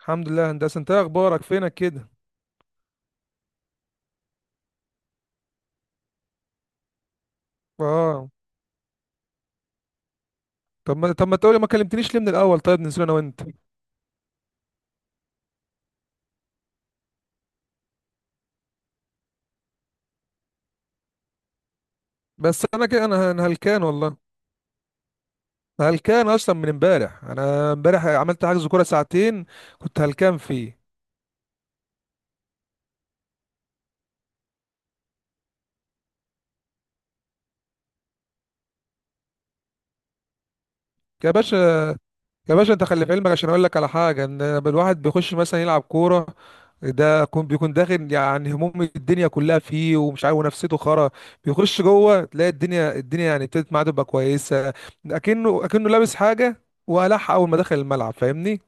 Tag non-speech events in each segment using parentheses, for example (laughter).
الحمد لله يا هندسه. انت ايه اخبارك؟ فينك كده؟ اه طب ما تقولي ما كلمتنيش ليه من الاول؟ طيب ننزل انا وانت. بس انا كده، انا هلكان والله. أنا هلكان اصلا من امبارح، انا امبارح عملت حجز كوره ساعتين، كنت هلكان فيه. يا باشا، يا باشا انت خلي في علمك عشان اقول لك على حاجه، ان الواحد بيخش مثلا يلعب كوره، ده يكون بيكون داخل يعني هموم الدنيا كلها فيه ومش عارف ونفسيته خرا. بيخش جوه تلاقي الدنيا يعني ابتدت معاه تبقى كويسه. اكنه لابس حاجه وقلعها اول ما دخل الملعب، فاهمني؟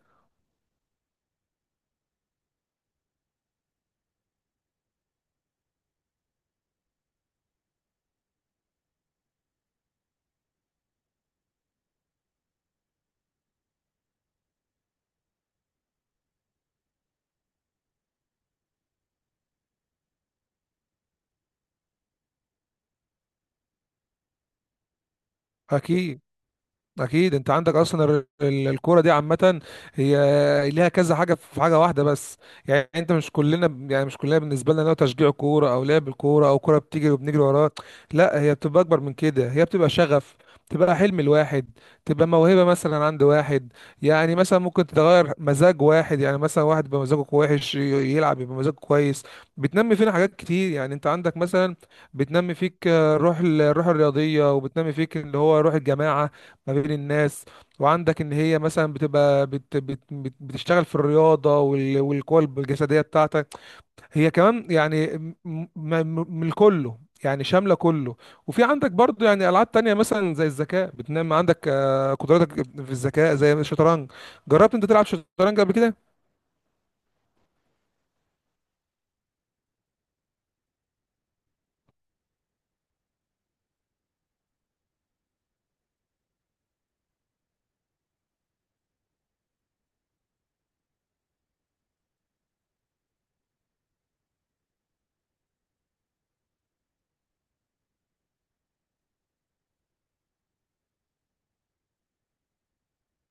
اكيد. اكيد انت عندك اصلا الكوره دي عامه، هي ليها كذا حاجه في حاجه واحده بس. يعني انت مش كلنا، يعني مش كلنا بالنسبه لنا هو تشجيع كوره او لعب الكوره او كوره بتيجي وبنجري وراها. لا، هي بتبقى اكبر من كده، هي بتبقى شغف، تبقى حلم الواحد، تبقى موهبه مثلا عند واحد. يعني مثلا ممكن تتغير مزاج واحد، يعني مثلا واحد يبقى مزاجه وحش يلعب يبقى مزاجه كويس. بتنمي فينا حاجات كتير، يعني انت عندك مثلا بتنمي فيك الروح الروح الرياضيه، وبتنمي فيك اللي هو روح الجماعه ما بين الناس. وعندك ان هي مثلا بتبقى بت بت بت بتشتغل في الرياضه والقوى الجسديه بتاعتك. هي كمان يعني من كله، يعني شامله كله. وفي عندك برضو يعني العاب تانية مثلا زي الذكاء بتنام عندك قدراتك في الذكاء، زي الشطرنج. جربت انت تلعب شطرنج قبل كده؟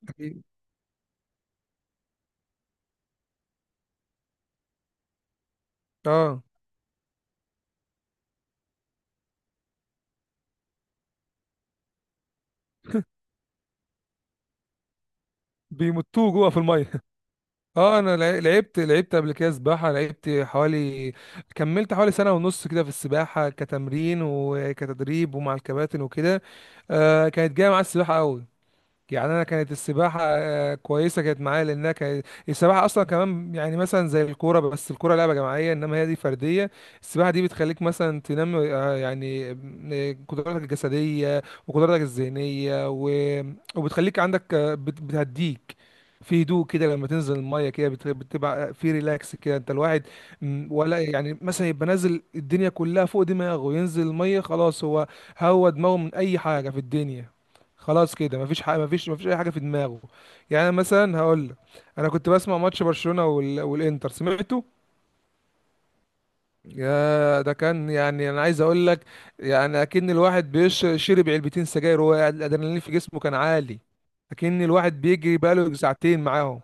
أكيد. اه، بيموتوه جوه في الميه. اه، انا لعبت قبل كده سباحه، لعبت حوالي، كملت حوالي سنه ونص كده في السباحه كتمرين وكتدريب ومع الكباتن وكده. آه كانت جايه مع السباحه قوي. يعني انا كانت السباحه كويسه، كانت معايا لانها كانت السباحه اصلا كمان يعني مثلا زي الكوره، بس الكوره لعبه جماعيه انما هي دي فرديه. السباحه دي بتخليك مثلا تنمي يعني قدراتك الجسديه وقدراتك الذهنيه وبتخليك عندك بتهديك في هدوء كده. لما تنزل الميه كده بتبقى في ريلاكس كده انت الواحد. ولا يعني مثلا يبقى نازل الدنيا كلها فوق دماغه، ينزل الميه خلاص، هو دماغه من اي حاجه في الدنيا، خلاص كده مفيش حاجه، مفيش اي حاجه في دماغه. يعني أنا مثلا هقول لك، انا كنت بسمع ماتش برشلونه والانتر سمعته، يا ده كان، يعني انا عايز اقول لك، يعني اكن الواحد بيشرب علبتين سجاير وهو قاعد، الادرينالين في جسمه كان عالي، اكن الواحد بيجري بقاله ساعتين معاهم.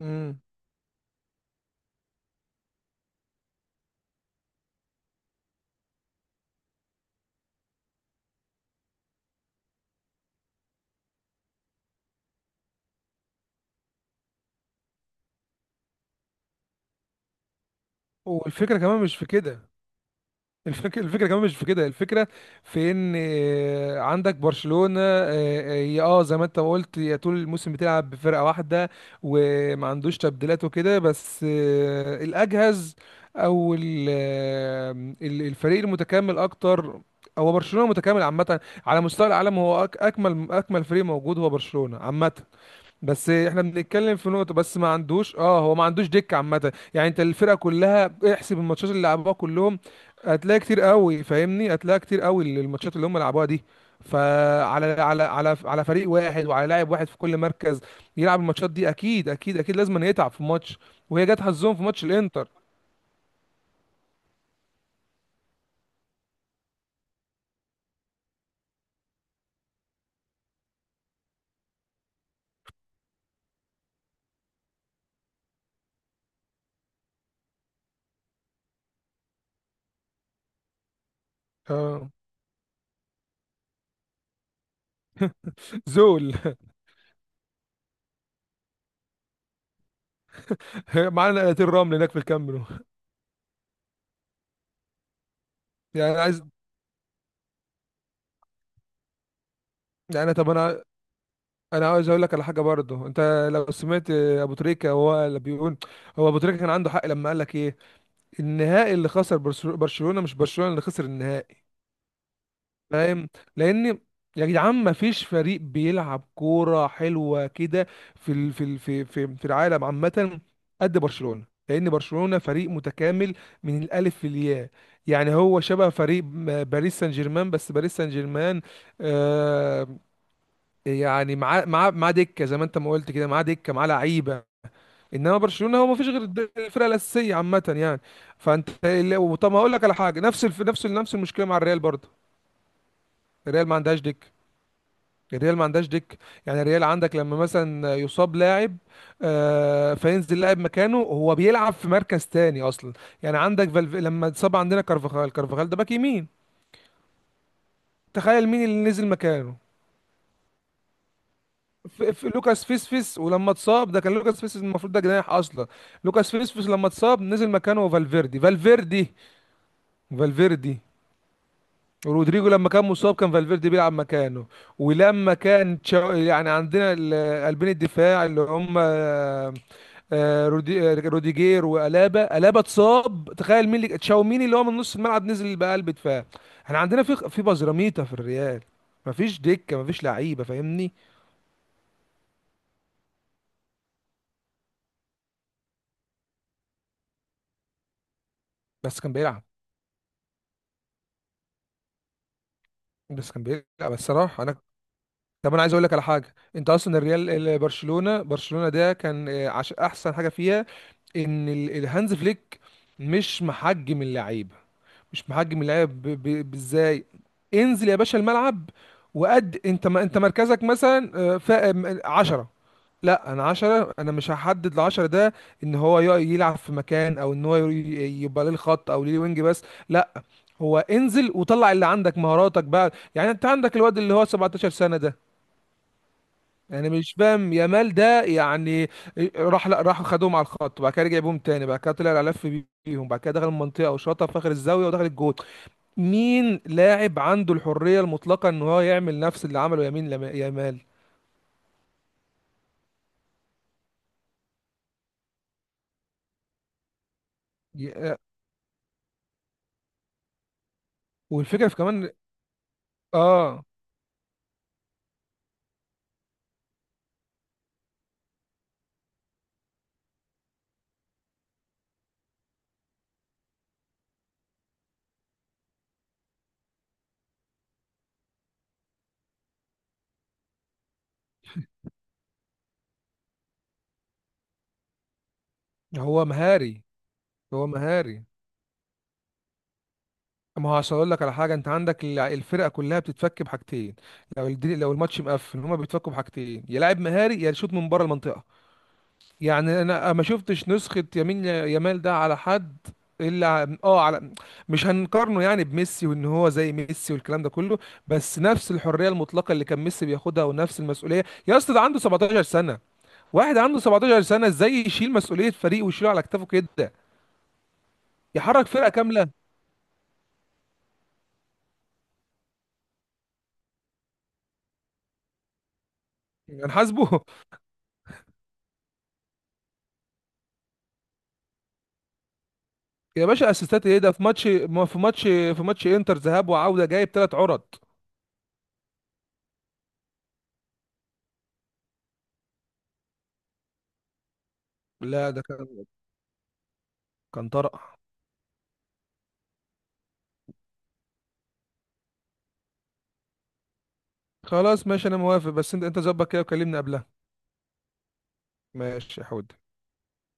امم، والفكره كمان مش في كده، الفكره كمان مش في كده، الفكره في ان عندك برشلونه، اه آه، يا آه، زي ما انت ما قلت، يا طول الموسم بتلعب بفرقه واحده وما عندوش تبديلات وكده، بس الاجهز او الفريق المتكامل اكتر. هو برشلونه متكامل عامه، على مستوى العالم هو اكمل، اكمل فريق موجود هو برشلونه عامه. بس احنا بنتكلم في نقطة، بس ما عندوش، اه هو ما عندوش دكة عامة. يعني انت الفرقة كلها، احسب الماتشات اللي لعبوها كلهم، هتلاقي كتير قوي، فاهمني؟ هتلاقي كتير قوي الماتشات اللي هم لعبوها دي. فعلى على على على فريق واحد وعلى لاعب واحد في كل مركز يلعب الماتشات دي، اكيد اكيد لازم يتعب في ماتش، وهي جت حظهم في ماتش الانتر. اه. زول (laughs) معانا نقلتين رمل هناك في الكاميرون. يعني عايز، يعني طب انا، انا عاوز اقول لك على حاجه برضه. انت لو سمعت ابو تريكه وهو اللي بيقول، هو ابو تريكه كان عنده حق لما قال لك ايه، النهائي اللي خسر برشلونه، مش برشلونه اللي خسر النهائي، فاهم؟ لان، يا جدعان، ما فيش فريق بيلعب كوره حلوه كده في ال... في ال... في في في العالم عامه قد برشلونه، لان برشلونه فريق متكامل من الالف للياء. يعني هو شبه فريق باريس سان جيرمان، بس باريس سان جيرمان آه، يعني معاه دكه، زي ما انت ما قلت كده، معاه دكه، معاه لعيبه. انما برشلونه هو ما فيش غير الفرقه الاساسيه عامه يعني. طب ما اقول لك على حاجه، نفس نفس المشكله مع الريال برضه. الريال ما عندهاش دكه، الريال ما عندهاش دكه. يعني الريال عندك لما مثلا يصاب لاعب، آه فينزل لاعب مكانه هو بيلعب في مركز تاني اصلا. يعني عندك لما اتصاب عندنا كارفاخال، كارفاخال ده باك يمين، تخيل مين اللي نزل مكانه؟ في لوكاس فيسفيس، ولما اتصاب ده، كان لوكاس فيسفيس المفروض ده جناح اصلا. لوكاس فيسفيس لما اتصاب نزل مكانه فالفيردي، فالفيردي رودريجو لما كان مصاب كان فالفيردي بيلعب مكانه. ولما كان يعني عندنا قلبين الدفاع اللي هم روديجير وألابا، ألابا اتصاب، تخيل مين اللي تشاوميني، اللي هو من نص الملعب نزل بقلب دفاع. احنا عندنا في بزراميطة في الريال، مفيش دكة، مفيش لعيبة، فاهمني؟ بس كان بيلعب، بس كان بيلعب الصراحه انا، طب انا عايز اقول لك على حاجه. انت اصلا الريال برشلونه، برشلونه ده كان احسن حاجه فيها ان الهانز فليك مش محجم اللعيبه، مش محجم اللعيبه، بازاي. انزل يا باشا الملعب، وقد انت ما انت مركزك مثلا عشرة. لا انا عشرة، انا مش هحدد العشرة ده، ان هو يلعب في مكان او ان هو يبقى ليه الخط او ليه وينج، بس لا، هو انزل وطلع اللي عندك مهاراتك بقى. يعني انت عندك الواد اللي هو 17 سنة ده، يعني مش فاهم يامال ده يعني، راح لا راح خدوهم على الخط، بعد كده رجع بيهم تاني، بعد كده طلع لف بيهم، بعد كده دخل المنطقة وشاطها في اخر الزاوية ودخل الجول. مين لاعب عنده الحرية المطلقة ان هو يعمل نفس اللي عمله يمين يامال؟ ي- آه، والفكرة في كمان، اه. هو مهاري هو مهاري. ما هو عشان اقول لك على حاجه، انت عندك الفرقه كلها بتتفك بحاجتين، لو لو الماتش مقفل هما بيتفكوا بحاجتين، يا لاعب مهاري يا شوط من بره المنطقه. يعني انا ما شفتش نسخه يمين يامال ده على حد، الا على، مش هنقارنه يعني بميسي وان هو زي ميسي والكلام ده كله، بس نفس الحريه المطلقه اللي كان ميسي بياخدها ونفس المسؤوليه. يا اسطى، ده عنده 17 سنه، واحد عنده 17 سنه ازاي يشيل مسؤوليه فريق ويشيله على كتافه كده، يحرك فرقه كامله؟ هنحاسبه؟ يا باشا اسيستات ايه؟ ده في ماتش ما في ماتش، في ماتش انتر ذهاب وعوده جايب ثلاث عرض. لا ده كان، كان طرق. خلاص ماشي انا موافق، بس انت انت ظبط كده وكلمني قبلها. ماشي يا حود.